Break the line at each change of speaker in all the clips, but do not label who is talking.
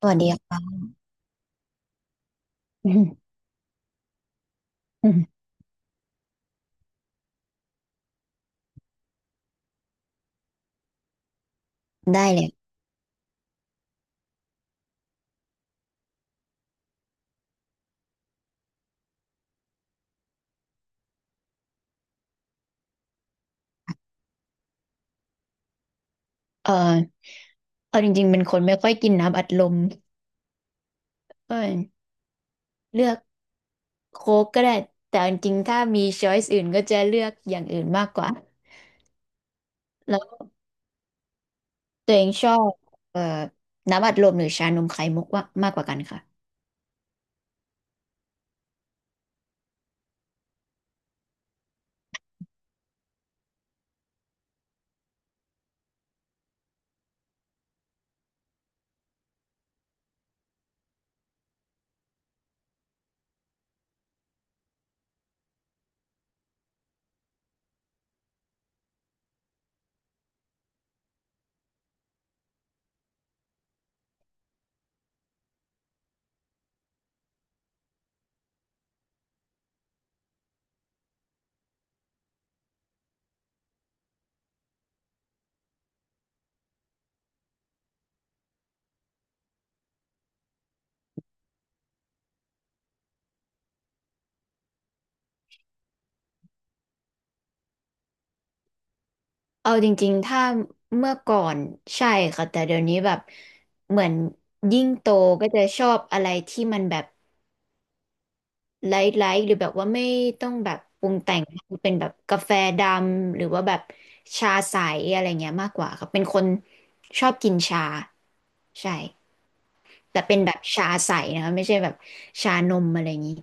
สวัสดีครับอืมอืม ได้เลยเออเอาจริงๆเป็นคนไม่ค่อยกินน้ำอัดลมก็เลือกโค้กก็ได้แต่จริงๆถ้ามีช้อยส์อื่นก็จะเลือกอย่างอื่นมากกว่าแล้วตัวเองชอบเอ่อน้ำอัดลมหรือชานมไข่มุกว่ามากกว่ากันค่ะเอาจริงๆถ้าเมื่อก่อนใช่ค่ะแต่เดี๋ยวนี้แบบเหมือนยิ่งโตก็จะชอบอะไรที่มันแบบ ไลท์ไลท์หรือแบบว่าไม่ต้องแบบปรุงแต่งเป็นแบบกาแฟดำหรือว่าแบบชาใสอะไรเงี้ยมากกว่าครับเป็นคนชอบกินชาใช่แต่เป็นแบบชาใสนะคะไม่ใช่แบบชานมอะไรอย่างนี้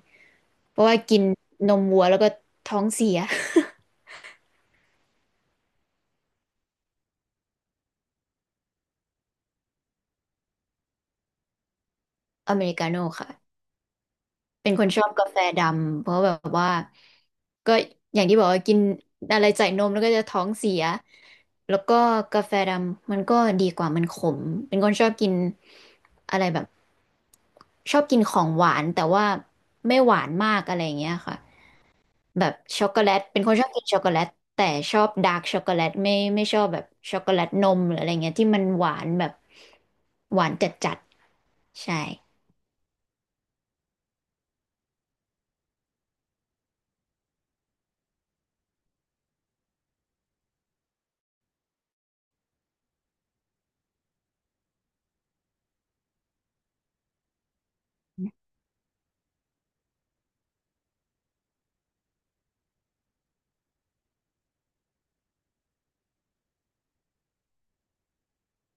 เพราะว่ากินนมวัวแล้วก็ท้องเสีย อเมริกาโน่ค่ะ เป็นคนชอบกาแฟดำเพราะแบบว่าก็อย่างที่บอกว่ากินอะไรใส่นมแล้วก็จะท้องเสียแล้วก็กาแฟดำมันก็ดีกว่ามันขมเป็นคนชอบกินอะไรแบบชอบกินของหวานแต่ว่าไม่หวานมากอะไรอย่างเงี้ยค่ะแบบช็อกโกแลตเป็นคนชอบกินช็อกโกแลตแต่ชอบดาร์กช็อกโกแลตไม่ชอบแบบช็อกโกแลตนมหรืออะไรเงี้ยที่มันหวานแบบหวานจัดจัดใช่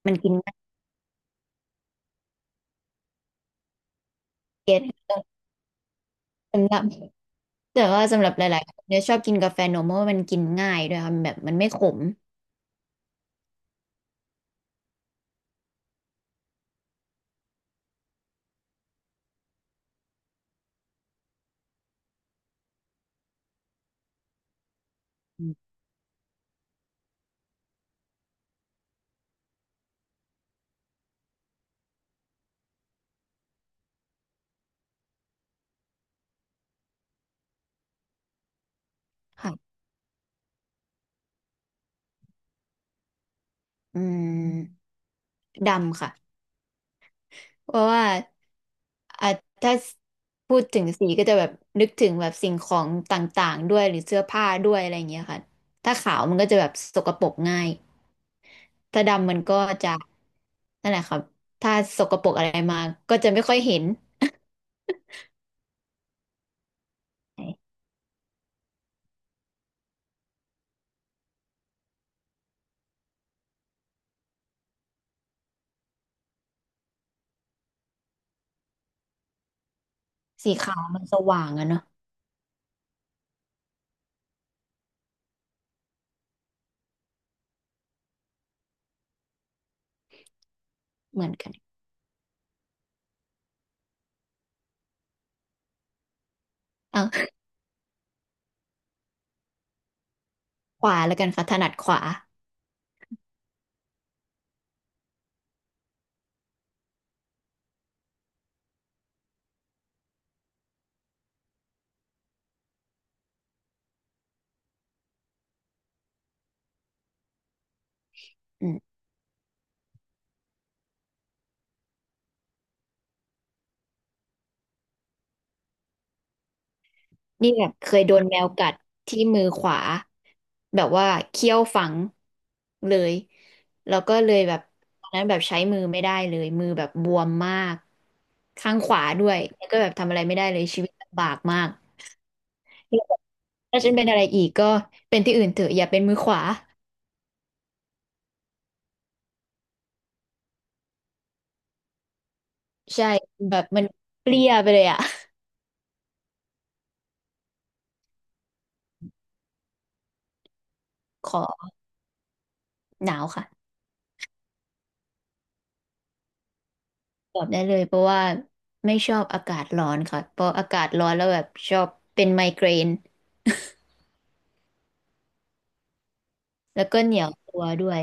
มันกินมันเก็ตสำหรับ แต่ว่าสำหรับหลายๆคนเนี่ยชอบกินกาแฟนมเพราะว่ามันกินง่ายด้วยค่ะมันแบบมันไม่ขมอืมค่ะอืมดำค่ะเพราะว่าอ่ะถ้าพูดถึงสีก็จะแบบนึกถึงแบบสิ่งของต่างๆด้วยหรือเสื้อผ้าด้วยอะไรอย่างเงี้ยค่ะถ้าขาวมันก็จะแบบสกปรกง่ายถ้าดำมันก็จะนั่นแหละครับถ้าสกปรกอะไรมาก็จะไม่ค่อยเห็น สีขาวมันสว่างอะเนาะเหมือนกันเอาขวาแล้วกันค่ะถนัดขวา นี่แบบเคยโดนแมวกัดที่มือขวาแบบว่าเขี้ยวฝังเลยแล้วก็เลยแบบตอนนั้นแบบใช้มือไม่ได้เลยมือแบบบวมมากข้างขวาด้วยแล้วก็แบบทำอะไรไม่ได้เลยชีวิตลำบากมากแล้วแบบถ้าฉันเป็นอะไรอีกก็เป็นที่อื่นเถอะอย่าเป็นมือขวาใช่แบบมันเปรี้ยไปเลยอ่ะ ขอหนาวค่ะตอบได้เลยเพราะว่าไม่ชอบอากาศร้อนค่ะเพราะอากาศร้อนแล้วแบบชอบเป็นไมเกรน แล้วก็เหนียวตัวด้วย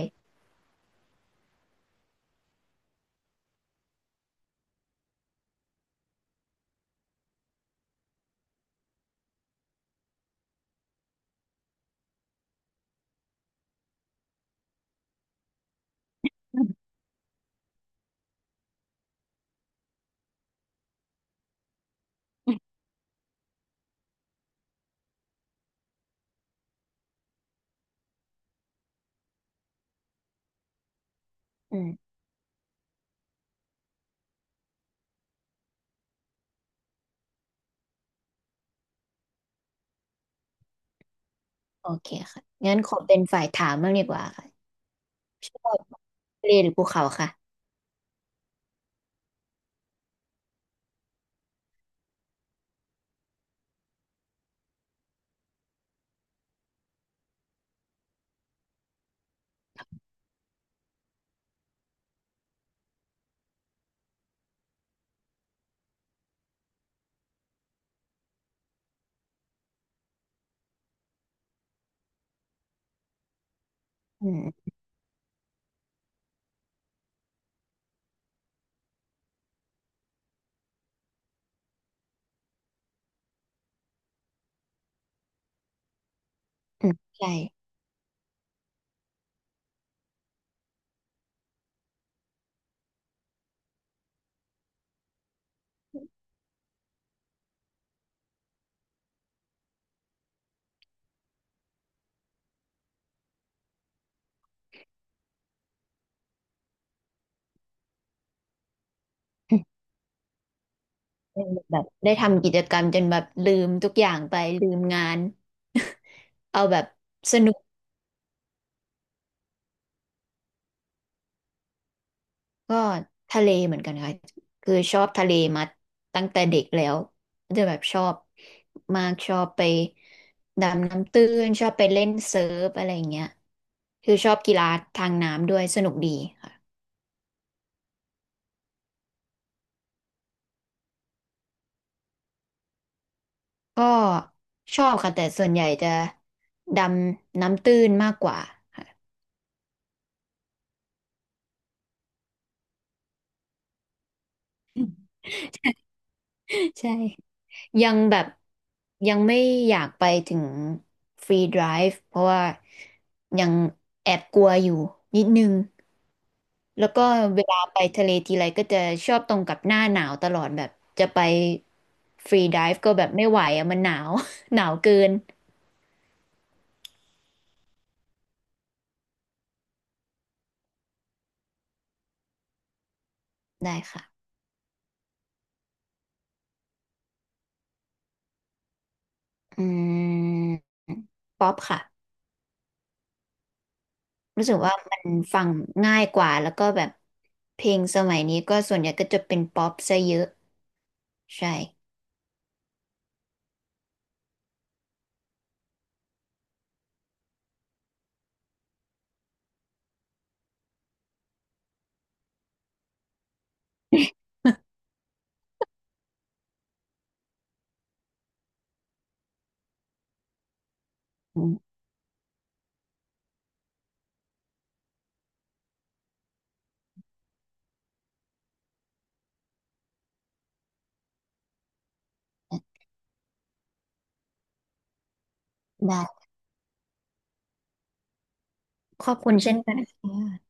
อืมโอเคค่ะงั้นขอเป็นฝ่ายถามบ้างดีกว่าค่ะชอบทะเลหรือภูเขาค่ะอืมอืมใช่อืมแบบได้ทำกิจกรรมจนแบบลืมทุกอย่างไปลืมงาน เอาแบบสนุกก็ทะเลเหมือนกันค่ะคือชอบทะเลมาตั้งแต่เด็กแล้วจะแบบชอบมากชอบไปดำน้ำตื้นชอบไปเล่นเซิร์ฟอะไรอย่างเงี้ยคือชอบกีฬาทางน้ำด้วยสนุกดีค่ะ ก็ชอบค่ะแต่ส่วนใหญ่จะดำน้ำตื้นมากกว่า ค่ะใช่ยังแบบยังไม่อยากไปถึงฟรีไดฟ์เพราะว่ายังแอบกลัวอยู่นิดนึงแล้วก็เวลาไปทะเลทีไรก็จะชอบตรงกับหน้าหนาวตลอดแบบจะไปฟรีไดฟ์ก็แบบไม่ไหวอะมันหนาว หนาวเกินได้ค่ะอืมป๊อปค่ะ รู้สึกว่ามันฟังง่ายกว่าแล้วก็แบบเพลงสมัยนี้ก็ส่วนใหญ่ก็จะเป็นป๊อปซะเยอะใช่ อืมได้ขอบคุณเช่นกันค่ะ